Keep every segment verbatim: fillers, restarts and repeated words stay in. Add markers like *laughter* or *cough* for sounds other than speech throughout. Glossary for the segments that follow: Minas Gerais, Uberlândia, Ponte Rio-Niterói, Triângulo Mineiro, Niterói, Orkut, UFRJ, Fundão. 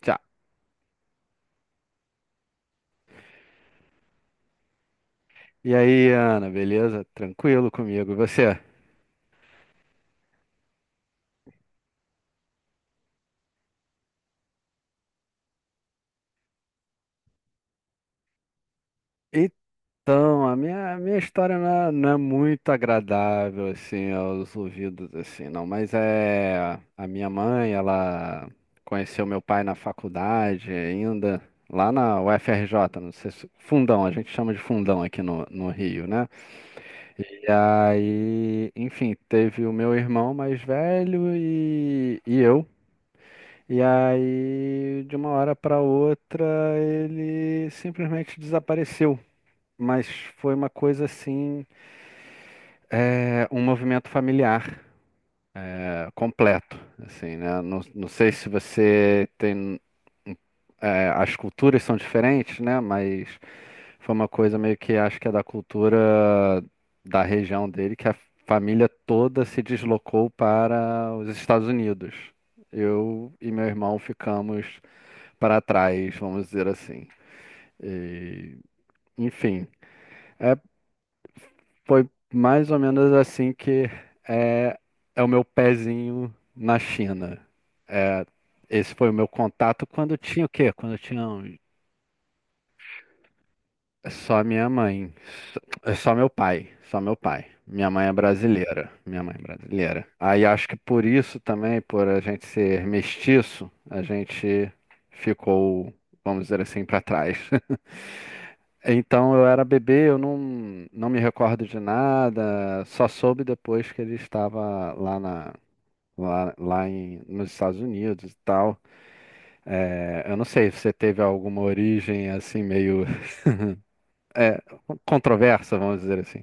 Tchau. E aí, Ana, beleza? Tranquilo comigo? E você? Então, a minha, a minha história não é, não é muito agradável, assim, aos ouvidos, assim, não. Mas é... A minha mãe, ela conheceu meu pai na faculdade ainda, lá na U F R J, não sei se... Fundão, a gente chama de Fundão aqui no, no Rio, né? E aí, enfim, teve o meu irmão mais velho e, e eu. E aí, de uma hora para outra, ele simplesmente desapareceu. Mas foi uma coisa assim, é, um movimento familiar, é, completo, assim, né? Não, não sei se você tem, é, as culturas são diferentes, né? Mas foi uma coisa meio que acho que é da cultura da região dele, que a família toda se deslocou para os Estados Unidos. Eu e meu irmão ficamos para trás, vamos dizer assim. E, enfim, é, foi mais ou menos assim que é, é o meu pezinho na China. É, esse foi o meu contato quando eu tinha o quê? Quando eu tinha um- só minha mãe, só, é só meu pai, só meu pai. Minha mãe é brasileira, minha mãe é brasileira. Aí acho que por isso também, por a gente ser mestiço, a gente ficou, vamos dizer assim, para trás. *laughs* Então eu era bebê, eu não, não me recordo de nada, só soube depois que ele estava lá, na, lá, lá em, nos Estados Unidos e tal. É, eu não sei se você teve alguma origem assim meio é, controversa, vamos dizer assim,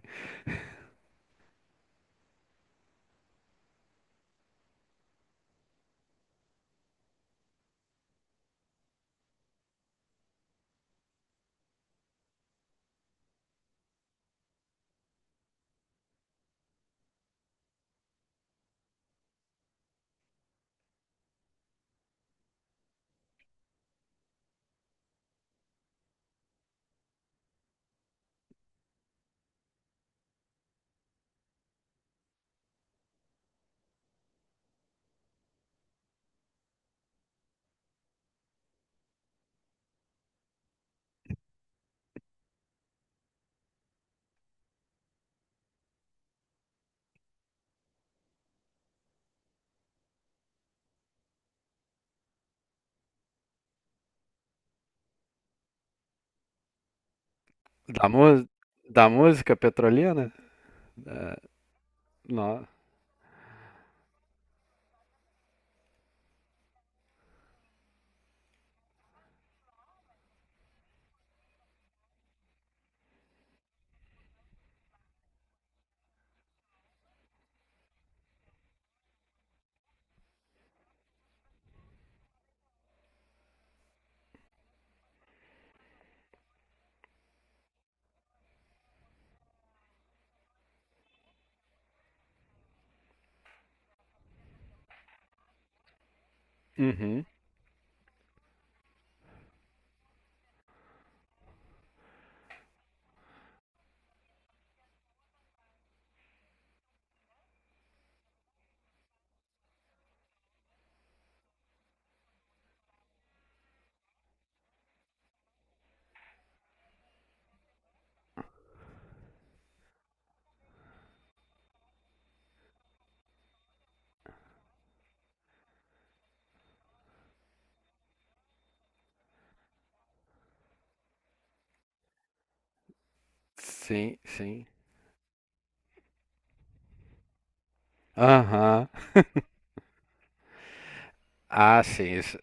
da, mu da música petrolina? É, não. Uhum. Sim, sim. Aham. Ah, sim, isso.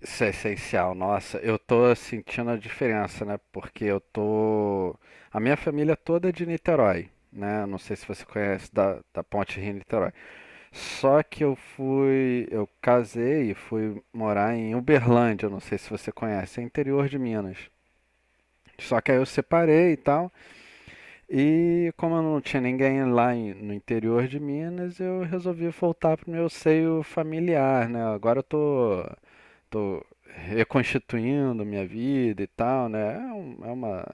Isso é essencial, nossa, eu tô sentindo a diferença, né? Porque eu tô. A minha família toda é de Niterói, né? Não sei se você conhece da, da Ponte Rio-Niterói. Só que eu fui. Eu casei e fui morar em Uberlândia, não sei se você conhece, é interior de Minas. Só que aí eu separei e tal. E como eu não tinha ninguém lá em- no interior de Minas, eu resolvi voltar pro meu seio familiar, né? Agora eu tô tô reconstituindo minha vida e tal, né? É, um- é uma.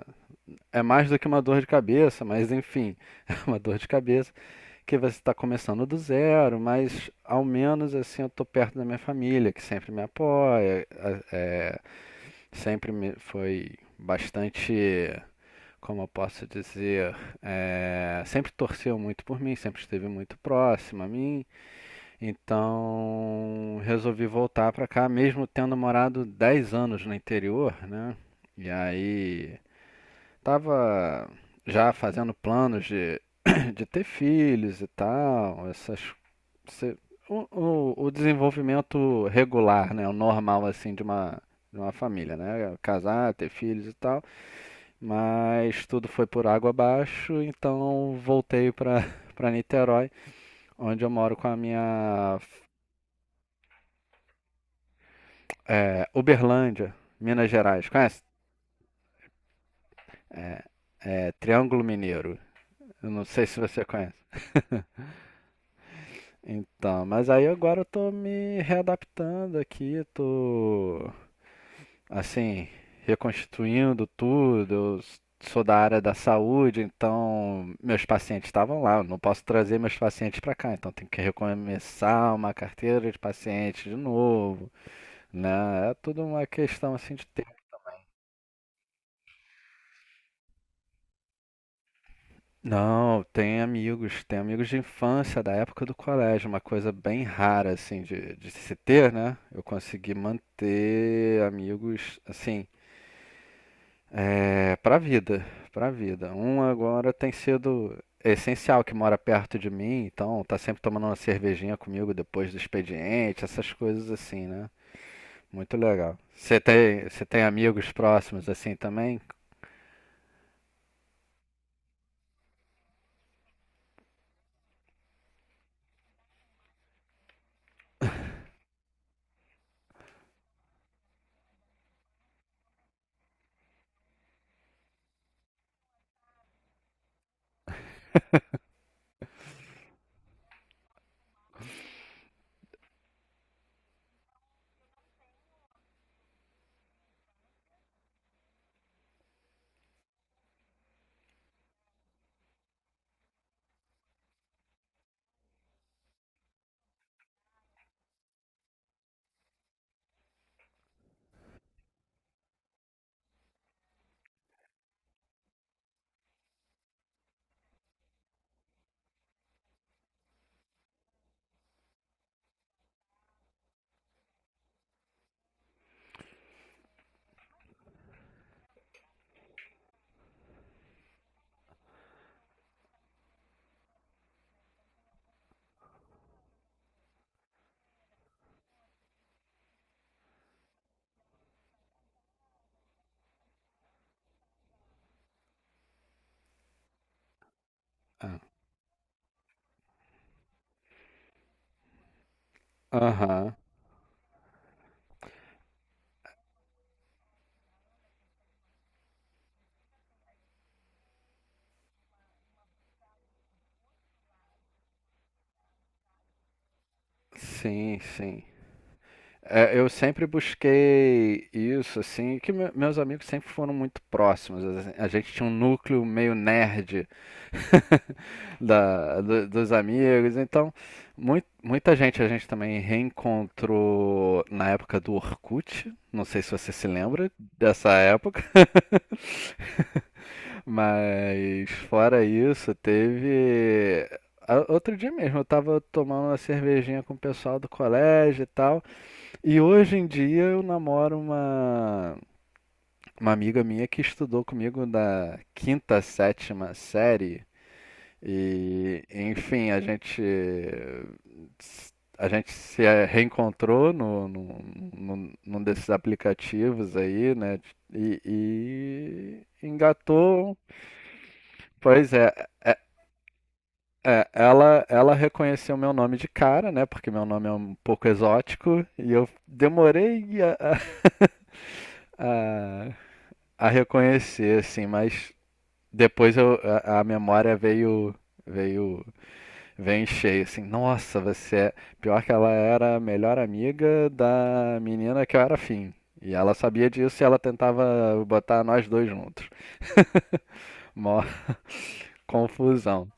É mais do que uma dor de cabeça, mas enfim, *laughs* é uma dor de cabeça que você está começando do zero, mas ao menos assim eu tô perto da minha família, que sempre me apoia, a- é, sempre me foi bastante, como eu posso dizer, é, sempre torceu muito por mim, sempre esteve muito próxima a mim. Então, resolvi voltar pra cá, mesmo tendo morado dez anos no interior, né? E aí, tava já fazendo planos de, *coughs* *clears throat* de ter filhos e tal, essas, se- o, o, o desenvolvimento regular, né? O normal, assim, de uma, de uma família, né? Casar, ter filhos e tal, mas tudo foi por água abaixo, então voltei pra, *laughs* para Niterói, onde eu moro com a minha. É, Uberlândia, Minas Gerais, conhece? É, é, Triângulo Mineiro. Eu não sei se você conhece. Então, mas aí agora eu tô me readaptando aqui, tô assim, reconstituindo tudo. Eu s- sou da área da saúde, então meus pacientes estavam lá. Eu não posso trazer meus pacientes para cá, então tem que recomeçar uma carteira de pacientes de novo, né? É tudo uma questão assim de. Não, tem amigos, tem amigos de infância, da época do colégio, uma coisa bem rara, assim, de, de se ter, né? Eu consegui manter amigos, assim, é, pra vida, pra vida. Um agora tem sido essencial, que mora perto de mim, então tá sempre tomando uma cervejinha comigo depois do expediente, essas coisas assim, né? Muito legal. Você tem, você tem amigos próximos assim também? Aham. Sim, sim. É, eu sempre busquei isso, assim, que me- meus amigos sempre foram muito próximos, assim. A gente tinha um núcleo meio nerd *laughs* da, do- dos amigos, então mui- muita gente a gente também reencontrou na época do Orkut. Não sei se você se lembra dessa época, *laughs* mas fora isso, teve. a- Outro dia mesmo, eu tava tomando uma cervejinha com o pessoal do colégio e tal. E hoje em dia eu namoro uma, uma amiga minha que estudou comigo da quinta, sétima série. E, enfim, a gente, a gente se reencontrou no, no, no- num desses aplicativos aí, né? E, e engatou. Pois é, é- é, ela, ela reconheceu meu nome de cara, né? Porque meu nome é um pouco exótico. E eu demorei a, a- a a reconhecer, assim, mas depois eu, a, a memória veio, veio, veio em cheio, assim, nossa, você é... Pior que ela era a melhor amiga da menina que eu era afim. E ela sabia disso e ela tentava botar nós dois juntos. Mó *laughs* confusão.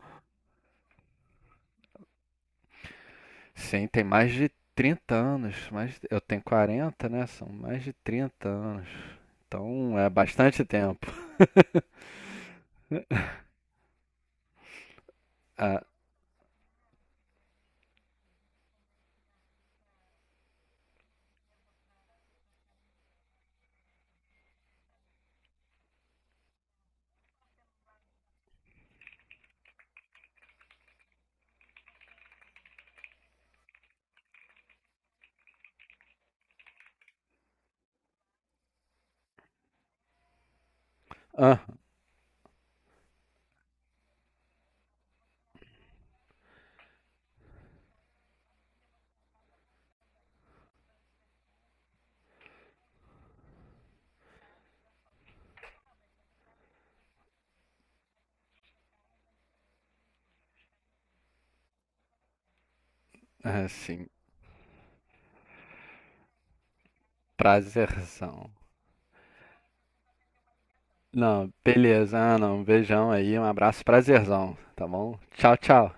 Sim, tem mais de trinta anos, mais, eu tenho quarenta, né? São mais de trinta anos. Então é bastante tempo. Ah, ah, assim, prazerzão. Não, beleza. Ah, não. Um beijão aí, um abraço, prazerzão, tá bom? Tchau, tchau.